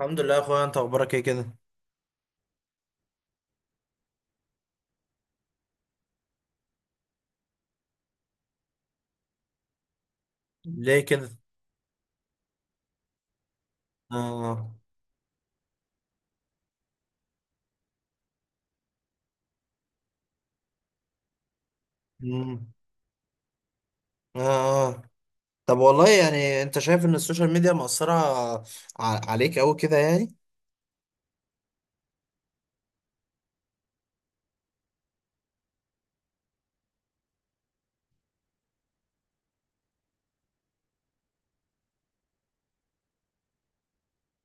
الحمد لله يا اخويا، انت اخبارك ايه كده؟ ليه كده؟ اه. امم اه آه. طب والله يعني، انت شايف ان السوشيال ميديا مأثرة عليك قوي كده يعني؟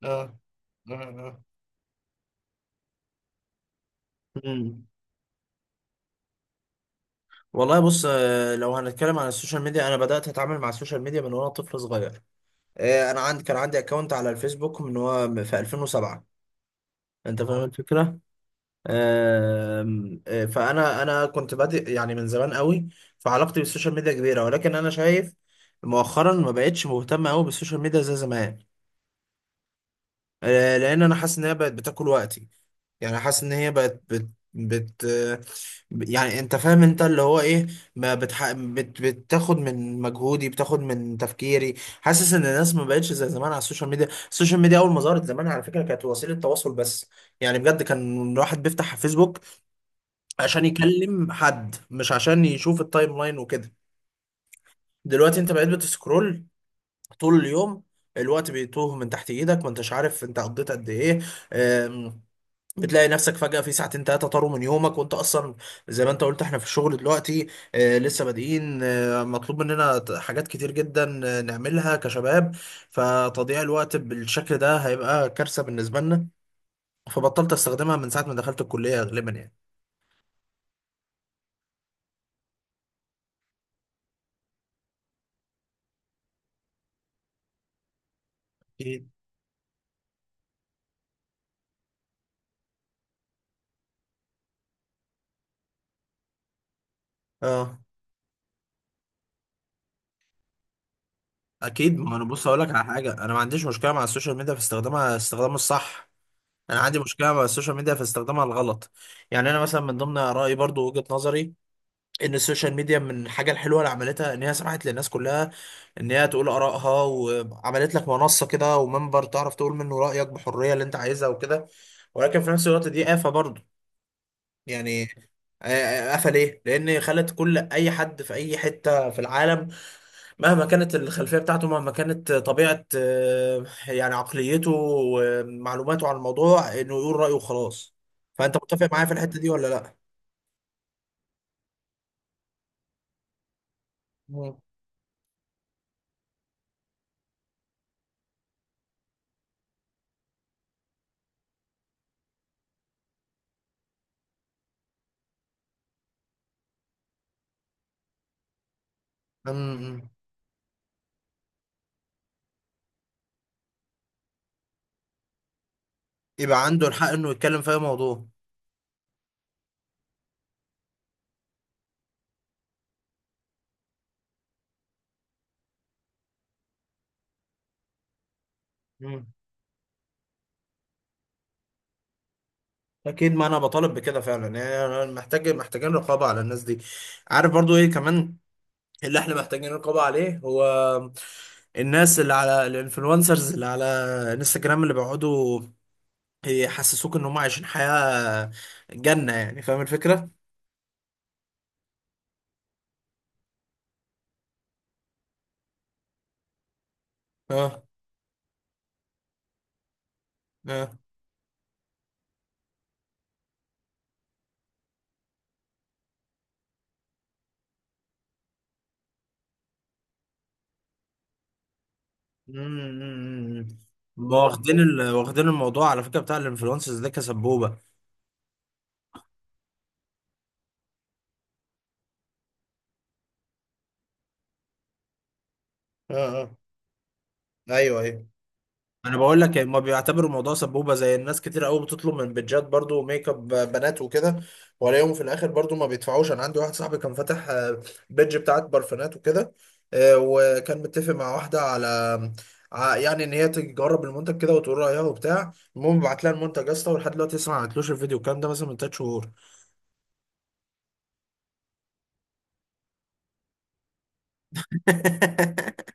اه. اه. اه. امم والله بص. لو هنتكلم عن السوشيال ميديا، انا بدأت اتعامل مع السوشيال ميديا من وانا طفل صغير. انا عندي كان عندي اكونت على الفيسبوك من هو في 2007. انت فاهم الفكرة؟ آم، آه، فانا كنت بادئ يعني من زمان قوي. فعلاقتي بالسوشيال ميديا كبيره، ولكن انا شايف مؤخرا ما بقتش مهتم قوي بالسوشيال ميديا زي زمان. لان انا حاسس ان هي بقت بتاكل وقتي. يعني حاسس ان هي بقت بت بت آه، يعني انت فاهم انت اللي هو ايه. ما بتح... بت... بتاخد من مجهودي، بتاخد من تفكيري. حاسس ان الناس ما بقتش زي زمان على السوشيال ميديا. السوشيال ميديا اول ما ظهرت زمان على فكره كانت وسيله تواصل بس. يعني بجد كان الواحد بيفتح فيسبوك عشان يكلم حد، مش عشان يشوف التايم لاين وكده. دلوقتي انت بقيت بتسكرول طول اليوم. الوقت بيتوه من تحت ايدك، ما انتش عارف انت قضيت قد ايه. آم، بتلاقي نفسك فجأة في ساعتين تلاتة طاروا من يومك، وانت اصلا زي ما انت قلت احنا في الشغل دلوقتي. لسه بادئين. مطلوب مننا حاجات كتير جدا، نعملها كشباب. فتضييع الوقت بالشكل ده هيبقى كارثة بالنسبة لنا. فبطلت استخدمها من ساعة ما دخلت الكلية غالبا يعني. أكيد. اه. اكيد، ما انا بص اقول لك على حاجه، انا ما عنديش مشكله مع السوشيال ميديا في استخدامها، استخدامه الصح. انا عندي مشكله مع السوشيال ميديا في استخدامها الغلط. يعني انا مثلا من ضمن رايي برضو وجهه نظري ان السوشيال ميديا من الحاجه الحلوه اللي عملتها ان هي سمحت للناس كلها ان هي تقول ارائها، وعملت لك منصه كده ومنبر تعرف تقول منه رايك بحريه اللي انت عايزها وكده. ولكن في نفس الوقت دي آفة برضو. يعني آفة ليه؟ لأن خلت كل أي حد في أي حتة في العالم، مهما كانت الخلفية بتاعته، مهما كانت طبيعة يعني عقليته ومعلوماته عن الموضوع، انه يقول رأيه وخلاص. فانت متفق معايا في الحتة دي ولا لا؟ مم. مم. يبقى عنده الحق انه يتكلم في اي موضوع. مم. اكيد، ما انا بطالب بكده فعلا يعني. أنا محتاجين رقابه على الناس دي. عارف برضو ايه كمان اللي احنا محتاجين رقابه عليه؟ هو الناس اللي على الانفلونسرز اللي على انستجرام، اللي بيقعدوا يحسسوك ان هم عايشين حياة جنة. يعني فاهم الفكرة؟ اه. اه. امم واخدين الموضوع على فكرة بتاع الانفلونسرز ده كسبوبة. اه. اه. ايوه. ايوه، انا بقول لك ما بيعتبروا الموضوع سبوبه زي الناس كتير قوي، بتطلب من بيدجات برضو ميك اب بنات وكده، ولاقيهم في الاخر برضو ما بيدفعوش. انا عندي واحد صاحبي كان فاتح بيدج بتاعت برفانات وكده. وكان متفق مع واحده على يعني ان هي تجرب المنتج كده وتقول رايها وبتاع. المهم بعت لها المنتج يا اسطى، ولحد دلوقتي لسه ما عملتلوش الفيديو الكلام ده، مثلا من تلات شهور.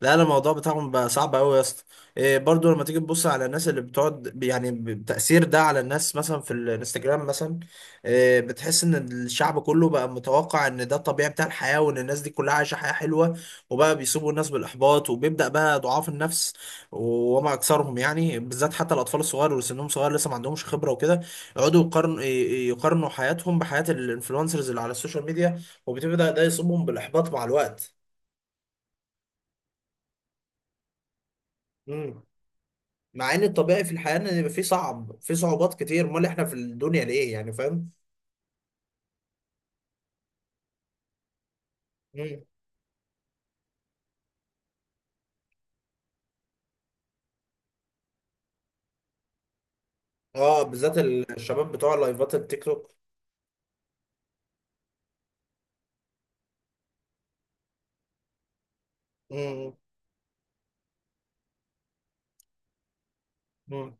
لا لا، الموضوع بتاعهم بقى صعب قوي يا اسطى. إيه برضو لما تيجي تبص على الناس اللي بتقعد يعني بتأثير ده على الناس مثلا في الانستجرام مثلا. إيه، بتحس ان الشعب كله بقى متوقع ان ده الطبيعي بتاع الحياة، وان الناس دي كلها عايشة حياة حلوة. وبقى بيسوبوا الناس بالإحباط، وبيبدأ بقى ضعاف النفس وما أكثرهم، يعني بالذات حتى الأطفال الصغار واللي سنهم صغير لسه ما عندهمش خبرة وكده، يقعدوا يقارنوا يقارنوا حياتهم بحياة الانفلونسرز اللي على السوشيال ميديا. وبتبدأ ده يصيبهم بالإحباط مع الوقت. إمم. مع ان الطبيعي في الحياه ان يبقى في صعوبات كتير، امال احنا في الدنيا ليه يعني؟ فاهم؟ مم. اه، بالذات الشباب بتوع لايفات التيك توك. مم. مم.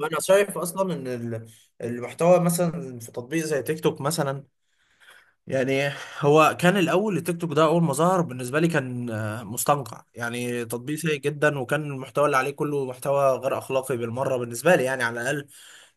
انا شايف اصلا ان المحتوى مثلا في تطبيق زي تيك توك مثلا يعني. هو كان الاول التيك توك ده اول ما ظهر بالنسبه لي كان مستنقع، يعني تطبيق سيء جدا، وكان المحتوى اللي عليه كله محتوى غير اخلاقي بالمره بالنسبه لي يعني على الاقل.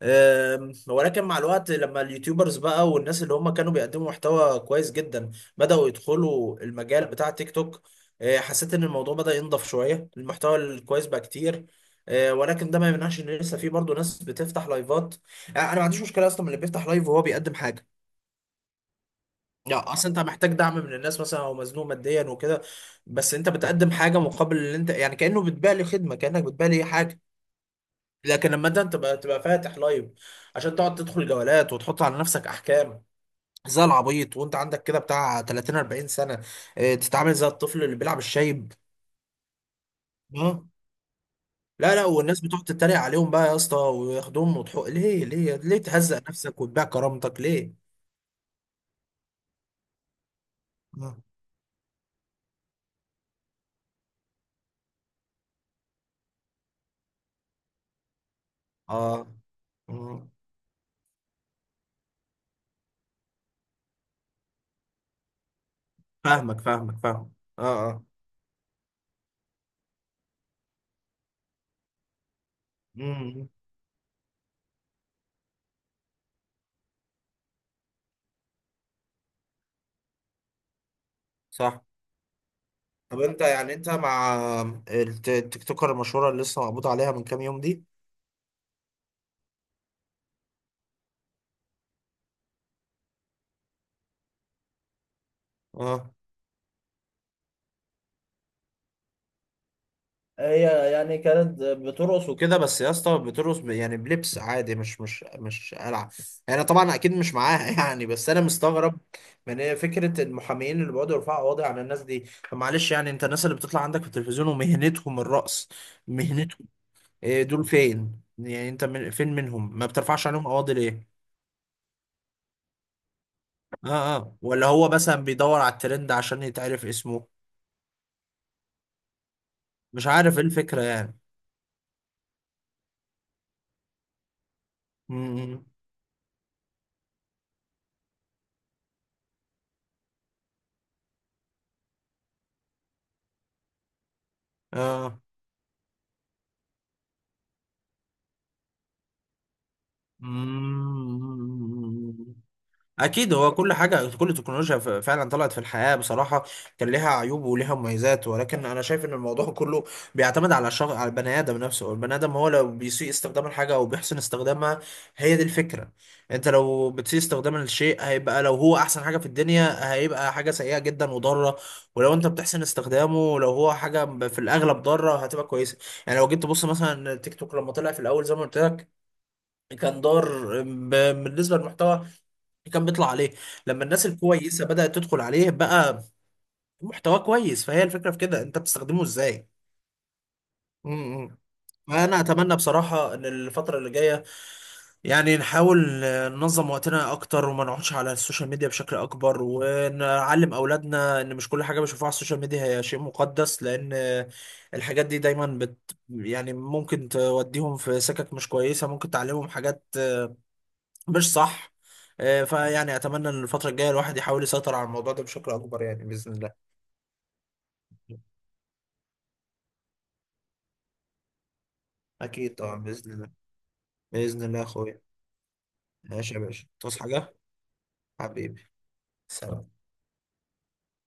ولكن مع الوقت لما اليوتيوبرز بقى والناس اللي هم كانوا بيقدموا محتوى كويس جدا بدأوا يدخلوا المجال بتاع تيك توك، حسيت ان الموضوع بدأ ينضف شوية، المحتوى الكويس بقى كتير. ولكن ده ما يمنعش ان لسه في برضه ناس بتفتح لايفات. يعني انا ما عنديش مشكلة اصلا من اللي بيفتح لايف وهو بيقدم حاجة. يعني اصل انت محتاج دعم من الناس مثلا، او مزنوق ماديا وكده، بس انت بتقدم حاجة مقابل اللي انت يعني، كأنه بتبيع لي خدمة، كأنك بتبيع لي حاجة. لكن لما انت تبقى فاتح لايف عشان تقعد تدخل جولات وتحط على نفسك احكام زي العبيط، وانت عندك كده بتاع 30 40 سنه، اه، تتعامل زي الطفل اللي بيلعب الشايب. اه. لا لا، والناس بتقعد تتريق عليهم بقى يا اسطى وياخدوهم، وتحق، ليه ليه ليه تهزق نفسك وتبيع كرامتك ليه؟ آه. اه. مم. فاهمك فاهمك فاهم. اه. اه. مم. صح. طب انت يعني انت مع التيك توكر المشهوره اللي لسه مقبوض عليها من كام يوم دي؟ اه. هي يعني كانت بترقص وكده بس يا اسطى، بترقص يعني بلبس عادي، مش مش مش قلعه. يعني طبعا اكيد مش معاها يعني. بس انا مستغرب من إيه فكره المحامين اللي بيقعدوا يرفعوا قواضي على الناس دي. طب معلش يعني، انت الناس اللي بتطلع عندك في التلفزيون ومهنتهم الرقص، مهنتهم إيه؟ دول فين يعني انت من فين منهم، ما بترفعش عليهم قواضي ليه؟ اه. اه. ولا هو مثلا بيدور على الترند عشان يتعرف اسمه؟ مش عارف ايه الفكره يعني. م- م- اه، اكيد، هو كل حاجه كل تكنولوجيا فعلا طلعت في الحياه بصراحه كان ليها عيوب وليها مميزات، ولكن انا شايف ان الموضوع كله بيعتمد على الشخص، على البني ادم نفسه. البني ادم هو لو بيسيء استخدام الحاجه او بيحسن استخدامها، هي دي الفكره. انت لو بتسيء استخدام الشيء هيبقى، لو هو احسن حاجه في الدنيا هيبقى حاجه سيئه جدا وضاره. ولو انت بتحسن استخدامه، لو هو حاجه في الاغلب ضاره، هتبقى كويسه. يعني لو جيت تبص مثلا التيك توك لما طلع في الاول زي ما قلت لك، كان دار بالنسبه للمحتوى كان بيطلع عليه. لما الناس الكويسه بدأت تدخل عليه، بقى محتوى كويس. فهي الفكره في كده، انت بتستخدمه ازاي. امم. فانا اتمنى بصراحه ان الفتره اللي جايه يعني نحاول ننظم وقتنا اكتر، وما نقعدش على السوشيال ميديا بشكل اكبر، ونعلم اولادنا ان مش كل حاجه بيشوفوها على السوشيال ميديا هي شيء مقدس، لان الحاجات دي دايما بت يعني ممكن توديهم في سكك مش كويسه، ممكن تعلمهم حاجات مش صح. فيعني اتمنى ان الفتره الجايه الواحد يحاول يسيطر على الموضوع ده بشكل اكبر يعني باذن الله. اكيد طبعا باذن الله. باذن الله يا اخويا. ماشي يا باشا، تصحى حاجه؟ حبيبي. سلام.